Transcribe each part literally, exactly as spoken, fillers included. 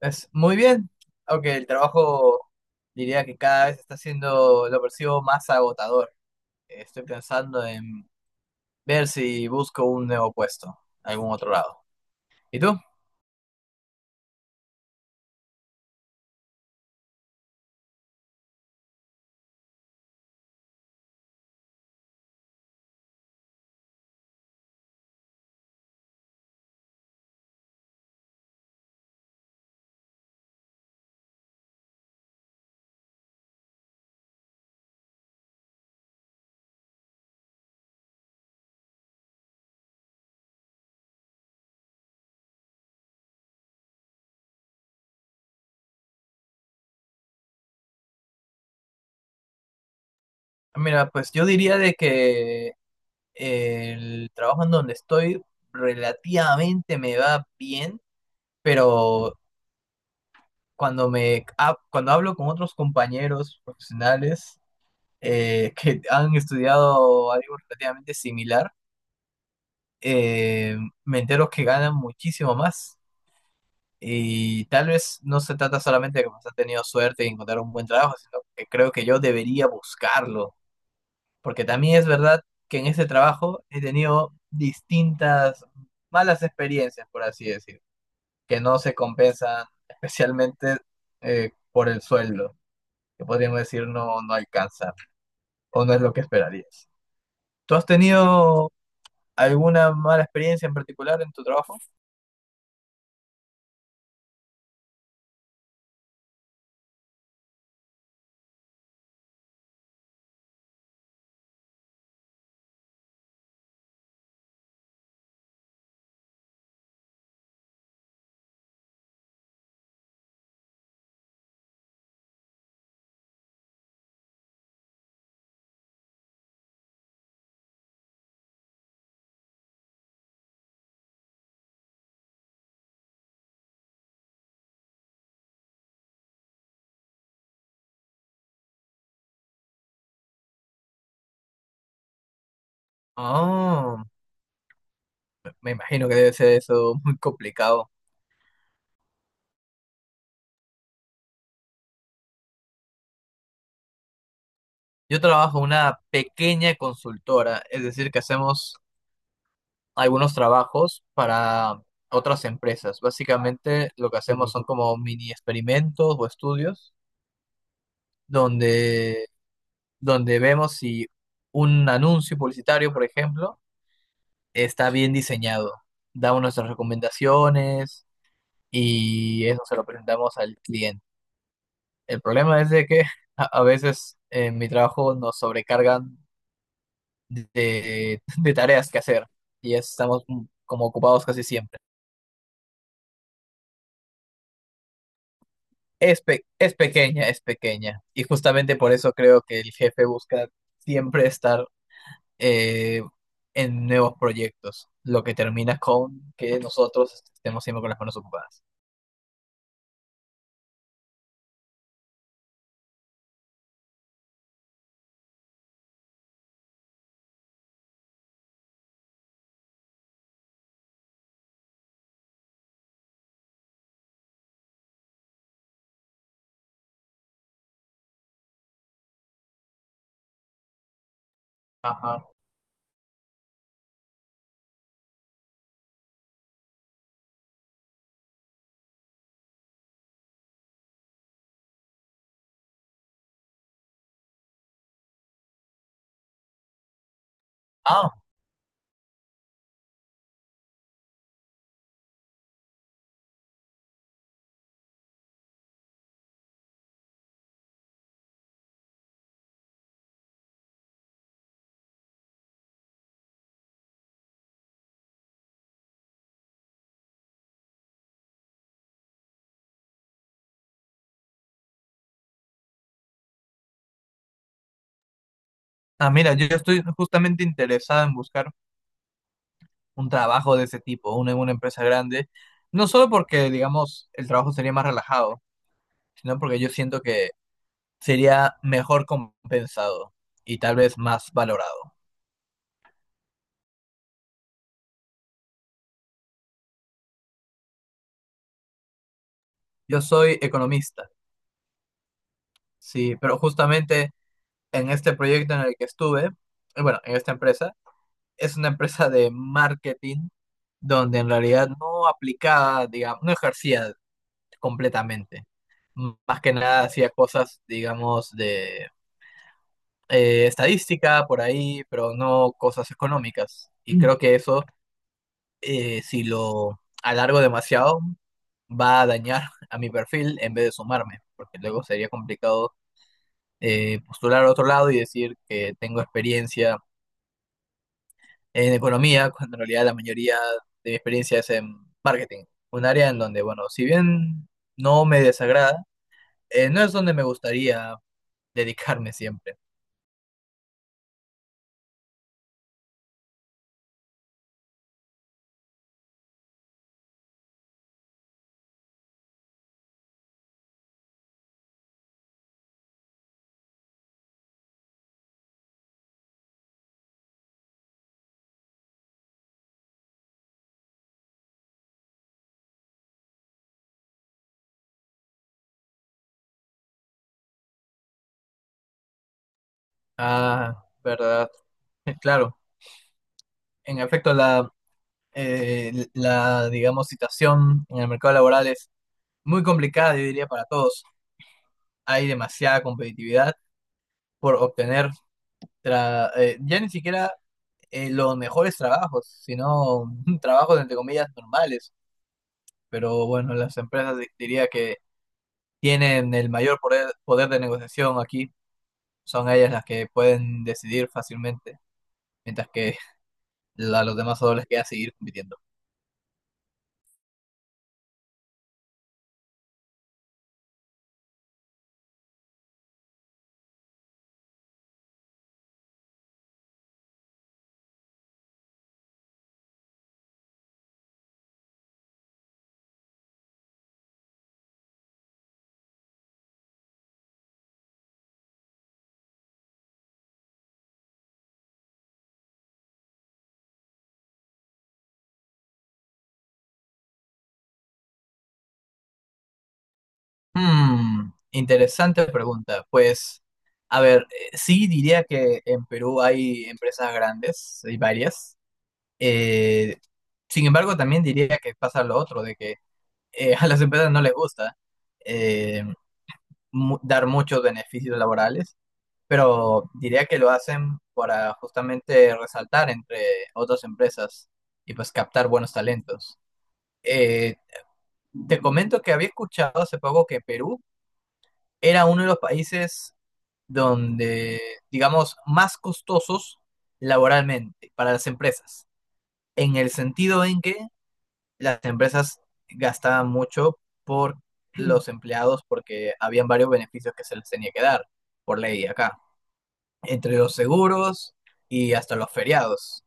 Es muy bien, aunque el trabajo diría que cada vez está siendo, lo percibo más agotador. Estoy pensando en ver si busco un nuevo puesto, algún otro lado. ¿Y tú? Mira, pues yo diría de que eh, el trabajo en donde estoy relativamente me va bien, pero cuando me ha- cuando hablo con otros compañeros profesionales eh, que han estudiado algo relativamente similar eh, me entero que ganan muchísimo más. Y tal vez no se trata solamente de que has tenido suerte y encontrar un buen trabajo, sino que creo que yo debería buscarlo. Porque también es verdad que en ese trabajo he tenido distintas malas experiencias, por así decir, que no se compensan especialmente eh, por el sueldo, que podríamos decir no, no alcanza o no es lo que esperarías. ¿Tú has tenido alguna mala experiencia en particular en tu trabajo? Ah. Me imagino que debe ser eso muy complicado. Yo trabajo en una pequeña consultora, es decir, que hacemos algunos trabajos para otras empresas. Básicamente lo que hacemos son como mini experimentos o estudios donde, donde vemos si un anuncio publicitario, por ejemplo, está bien diseñado. Damos nuestras recomendaciones y eso se lo presentamos al cliente. El problema es de que a a veces en mi trabajo nos sobrecargan de, de tareas que hacer y estamos mm, como ocupados casi siempre. Es, pe- es pequeña, es pequeña. Y justamente por eso creo que el jefe busca siempre estar eh, en nuevos proyectos, lo que termina con que nosotros estemos siempre con las manos ocupadas. Ajá. Ah, ah, mira, yo estoy justamente interesado en buscar un trabajo de ese tipo, una en una empresa grande, no solo porque, digamos, el trabajo sería más relajado, sino porque yo siento que sería mejor compensado y tal vez más valorado. Yo soy economista, sí, pero justamente en este proyecto en el que estuve, eh, bueno, en esta empresa, es una empresa de marketing donde en realidad no aplicaba, digamos, no ejercía completamente. M- Más que nada hacía cosas, digamos, de eh, estadística por ahí, pero no cosas económicas. Y creo que eso, eh, si lo alargo demasiado, va a dañar a mi perfil en vez de sumarme, porque luego sería complicado eh, postular a otro lado y decir que tengo experiencia en economía, cuando en realidad la mayoría de mi experiencia es en marketing, un área en donde, bueno, si bien no me desagrada, eh, no es donde me gustaría dedicarme siempre. Ah, verdad, claro, en efecto la, eh, la, digamos, situación en el mercado laboral es muy complicada, yo diría, para todos. Hay demasiada competitividad por obtener tra- eh, ya ni siquiera eh, los mejores trabajos, sino trabajos entre comillas normales. Pero bueno, las empresas di- diría que tienen el mayor poder, poder de negociación aquí, son ellas las que pueden decidir fácilmente, mientras que a los demás solo les queda seguir compitiendo. Hmm, interesante pregunta. Pues, a ver, eh, sí diría que en Perú hay empresas grandes, hay varias. Eh, sin embargo, también diría que pasa lo otro, de que eh, a las empresas no les gusta eh, mu- dar muchos beneficios laborales, pero diría que lo hacen para justamente resaltar entre otras empresas y pues captar buenos talentos. Eh, te comento que había escuchado hace poco que Perú era uno de los países donde, digamos, más costosos laboralmente para las empresas, en el sentido en que las empresas gastaban mucho por los empleados porque habían varios beneficios que se les tenía que dar por ley acá, entre los seguros y hasta los feriados.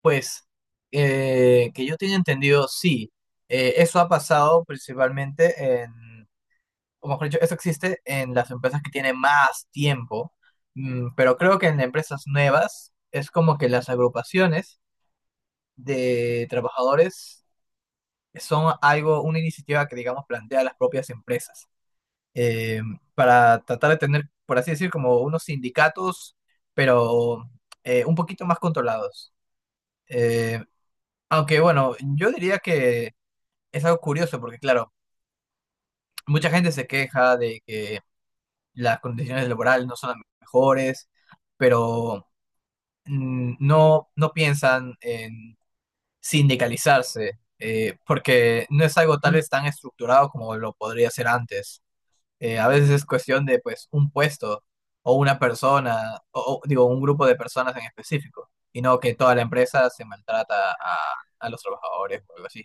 Pues, eh, que yo tenía entendido, sí, eh, eso ha pasado principalmente en, o mejor dicho, eso existe en las empresas que tienen más tiempo, mm, pero creo que en empresas nuevas es como que las agrupaciones de trabajadores son algo, una iniciativa que, digamos, plantea las propias empresas eh, para tratar de tener, por así decir, como unos sindicatos, pero eh, un poquito más controlados. Eh, aunque, bueno, yo diría que es algo curioso porque, claro, mucha gente se queja de que las condiciones laborales no son las mejores, pero mm, no, no piensan en sindicalizarse. Eh, porque no es algo tal vez tan estructurado como lo podría ser antes. Eh, a veces es cuestión de pues un puesto o una persona, o, o, digo, un grupo de personas en específico, y no que toda la empresa se maltrata a, a los trabajadores o algo así.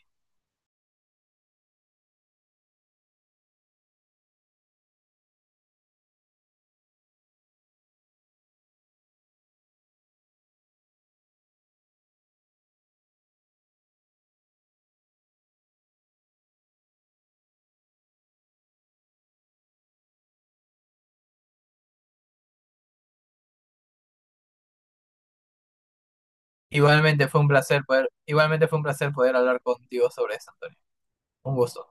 Igualmente fue un placer poder, igualmente fue un placer poder hablar contigo sobre esto, Antonio. Un gusto.